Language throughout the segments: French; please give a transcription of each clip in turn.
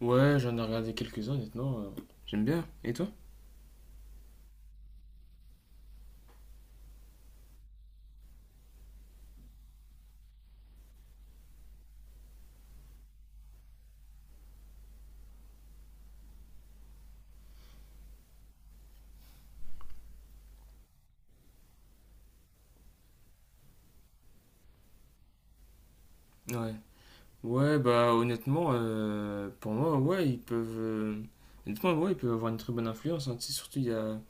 Ouais, j'en ai regardé quelques-uns, honnêtement. J'aime bien. Et toi? Ouais. Ouais, bah honnêtement, pour moi, ouais, ils peuvent. Honnêtement, ouais, ils peuvent avoir une très bonne influence, hein. Tu sais, surtout,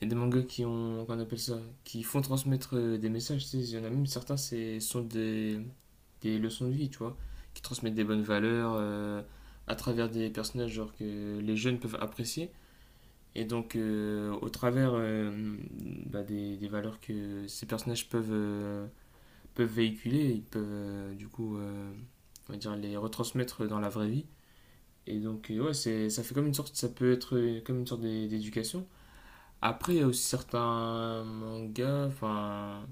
il y a des mangas qui ont. Qu'on appelle ça? Qui font transmettre des messages. Tu sais, il y en a même certains, c'est sont des leçons de vie, tu vois. Qui transmettent des bonnes valeurs à travers des personnages, genre que les jeunes peuvent apprécier. Et donc, au travers bah, des valeurs que ces personnages peuvent. Peuvent véhiculer, ils peuvent du coup, on va dire, les retransmettre dans la vraie vie. Et donc, ouais, c'est, ça fait comme une sorte, ça peut être comme une sorte d'éducation. Après, il y a aussi certains mangas, enfin,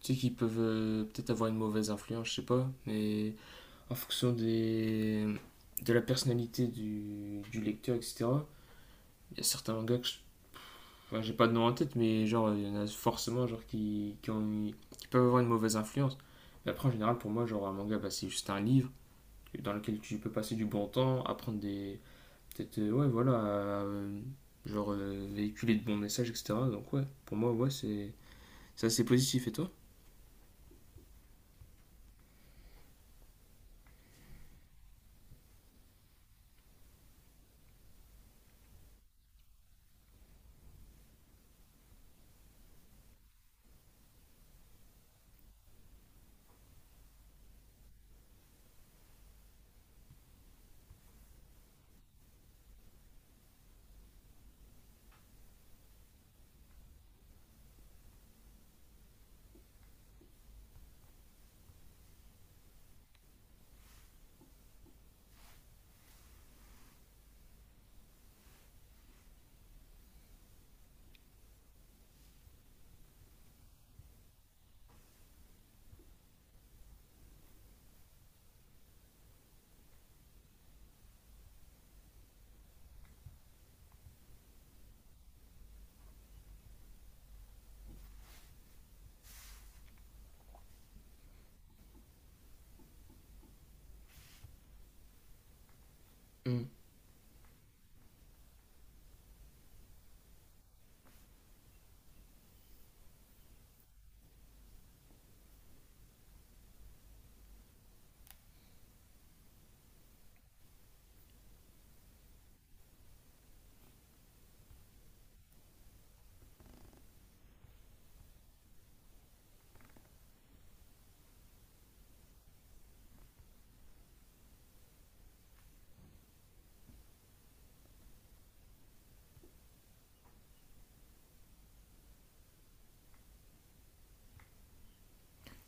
tu sais, qui peuvent peut-être avoir une mauvaise influence, je sais pas, mais en fonction de la personnalité du lecteur, etc. Il y a certains mangas que je Enfin, j'ai pas de nom en tête, mais genre, il y en a forcément genre, qui peuvent avoir une mauvaise influence. Mais après, en général, pour moi, genre, un manga, bah, c'est juste un livre dans lequel tu peux passer du bon temps, apprendre des. Peut-être, ouais, voilà, euh, genre, véhiculer de bons messages, etc. Donc, ouais, pour moi, ouais, c'est assez positif. Et toi? Hmm.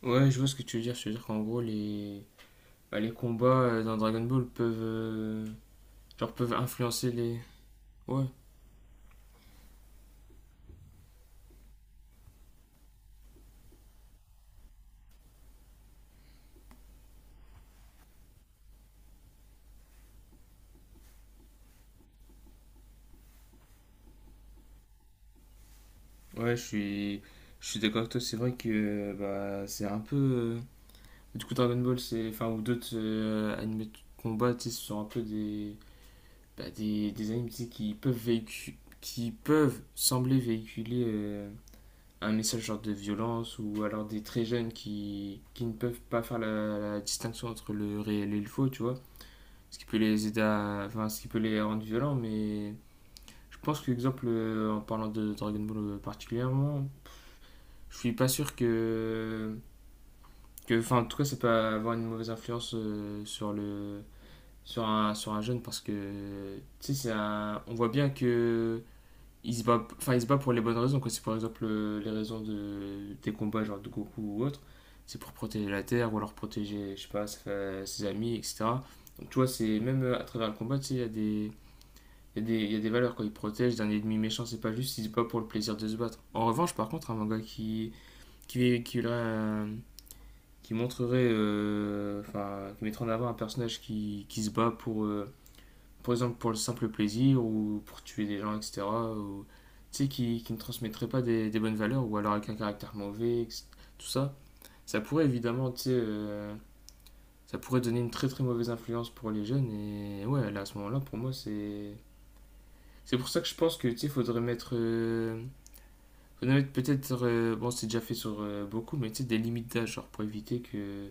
Ouais, je vois ce que tu veux dire. Je veux dire qu'en gros, les, bah, les combats dans Dragon Ball peuvent, genre, peuvent influencer les. Ouais, ouais, je suis d'accord avec toi. C'est vrai que bah, c'est un peu. Du coup, Dragon Ball, c'est. Enfin, ou d'autres animés de combat, tu sais, ce sont un peu des. Bah, des animés tu sais, qui peuvent véhicu- qui peuvent sembler véhiculer un message genre de violence ou alors des très jeunes qui ne peuvent pas faire la distinction entre le réel et le faux, tu vois. Ce qui peut les aider à. Enfin, ce qui peut les rendre violents, mais. Je pense que, exemple, en parlant de Dragon Ball particulièrement. Je suis pas sûr que. Que enfin, en tout cas, ça peut avoir une mauvaise influence sur le. Sur sur un jeune parce que tu sais c'est un- on voit bien que il se bat enfin il se bat pour les bonnes raisons quoi c'est par exemple les raisons de des combats genre de Goku ou autre c'est pour protéger la terre ou alors protéger je sais pas sa- ses amis etc donc tu vois c'est même à travers le combat tu sais il y a des il y a des valeurs quand il protège d'un ennemi méchant c'est pas juste il se bat pour le plaisir de se battre en revanche par contre un manga qui qui aurait qui montrerait, enfin, qui mettrait en avant un personnage qui se bat pour, par exemple, pour le simple plaisir ou pour tuer des gens, etc. Ou, tu sais, qui ne transmettrait pas des bonnes valeurs ou alors avec un caractère mauvais, etc., tout ça. Ça pourrait évidemment, tu sais, ça pourrait donner une très très mauvaise influence pour les jeunes. Et ouais, là, à ce moment-là, pour moi, c'est. C'est pour ça que je pense que, tu sais, faudrait mettre. Faudrait mettre peut-être. Bon, c'est déjà fait sur beaucoup, mais tu sais, des limites d'âge, genre pour éviter que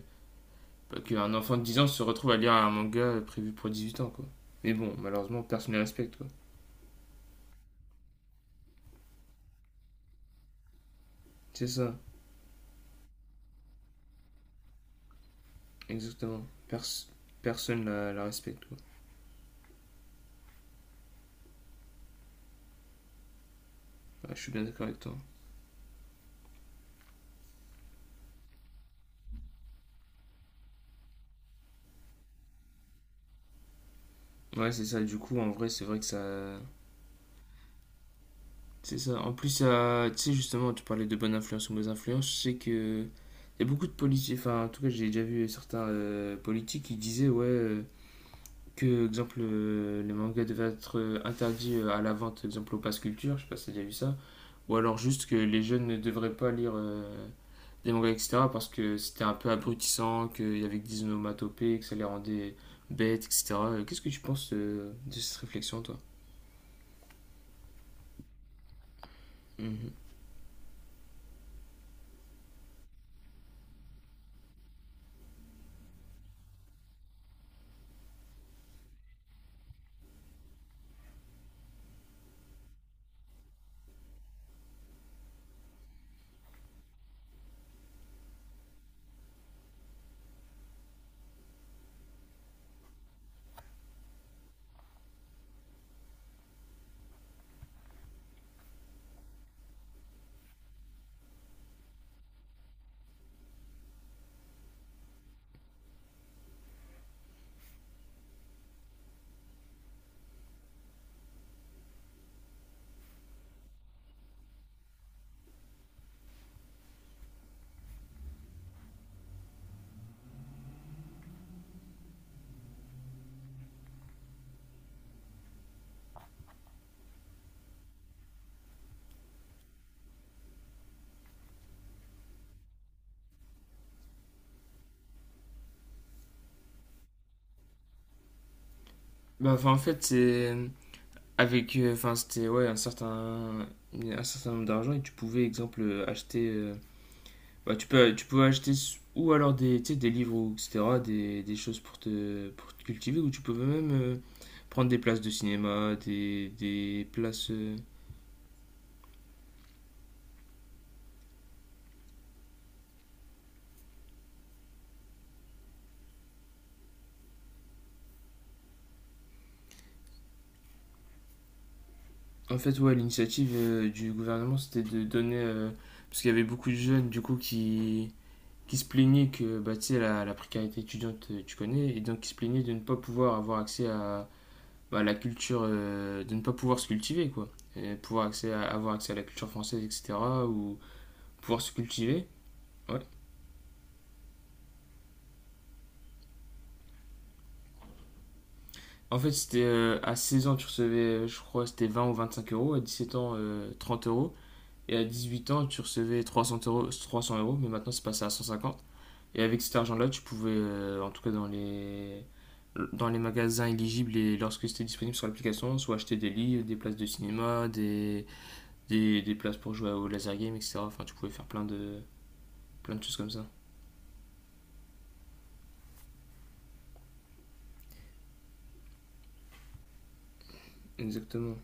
Pas qu'un enfant de 10 ans se retrouve à lire un manga prévu pour 18 ans, quoi. Mais bon, malheureusement, personne ne la respecte, quoi. C'est ça, exactement. Pers- personne la respecte, quoi. Ouais, je suis bien d'accord avec toi. Ouais, c'est ça, du coup, en vrai, c'est vrai que ça... C'est ça. En plus, ça- tu sais, justement, tu parlais de bonne influence ou mauvaise influence, je sais que... Il y a beaucoup de politiques, enfin, en tout cas, j'ai déjà vu certains politiques qui disaient, ouais... Que, exemple, les mangas devaient être interdits à la vente, exemple, au passe culture, je sais pas si t'as déjà vu ça. Ou alors juste que les jeunes ne devraient pas lire des mangas, etc. parce que c'était un peu abrutissant, qu'il y avait que des onomatopées, que ça les rendait bêtes, etc. Qu'est-ce que tu penses de cette réflexion, toi? Mhm. Bah, enfin, en fait, c'est avec, enfin, c'était ouais, un certain nombre d'argent et tu pouvais, exemple, acheter, bah, tu pouvais acheter ou alors des, tu sais, des livres ou etc., des choses pour te cultiver ou tu pouvais même prendre des places de cinéma, des places, En fait, ouais, l'initiative du gouvernement, c'était de donner. Parce qu'il y avait beaucoup de jeunes, du coup, qui se plaignaient que bah, tu sais, la précarité étudiante, tu connais, et donc qui se plaignaient de ne pas pouvoir avoir accès à la culture, de ne pas pouvoir se cultiver, quoi. Et pouvoir accès à- avoir accès à la culture française, etc. Ou pouvoir se cultiver. Ouais. En fait, c'était à 16 ans, tu recevais, je crois, c'était 20 ou 25 euros. À 17 ans, 30 euros. Et à 18 ans, tu recevais 300 euros, 300 euros, mais maintenant c'est passé à 150. Et avec cet argent-là, tu pouvais, en tout cas dans les magasins éligibles et lorsque c'était disponible sur l'application, soit acheter des livres, des places de cinéma, des places pour jouer au laser game, etc. Enfin, tu pouvais faire plein plein de choses comme ça. Exactement.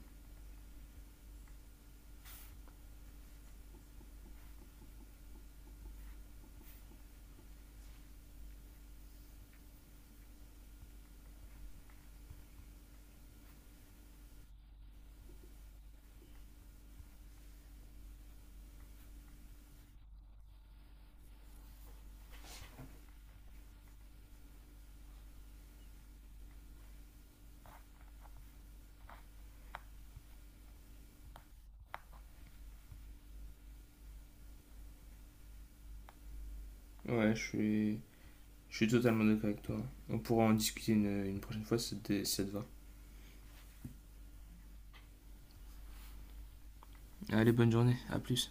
Ouais, je suis totalement d'accord avec toi. On pourra en discuter une prochaine fois si ça te- si ça te va. Allez, bonne journée. À plus.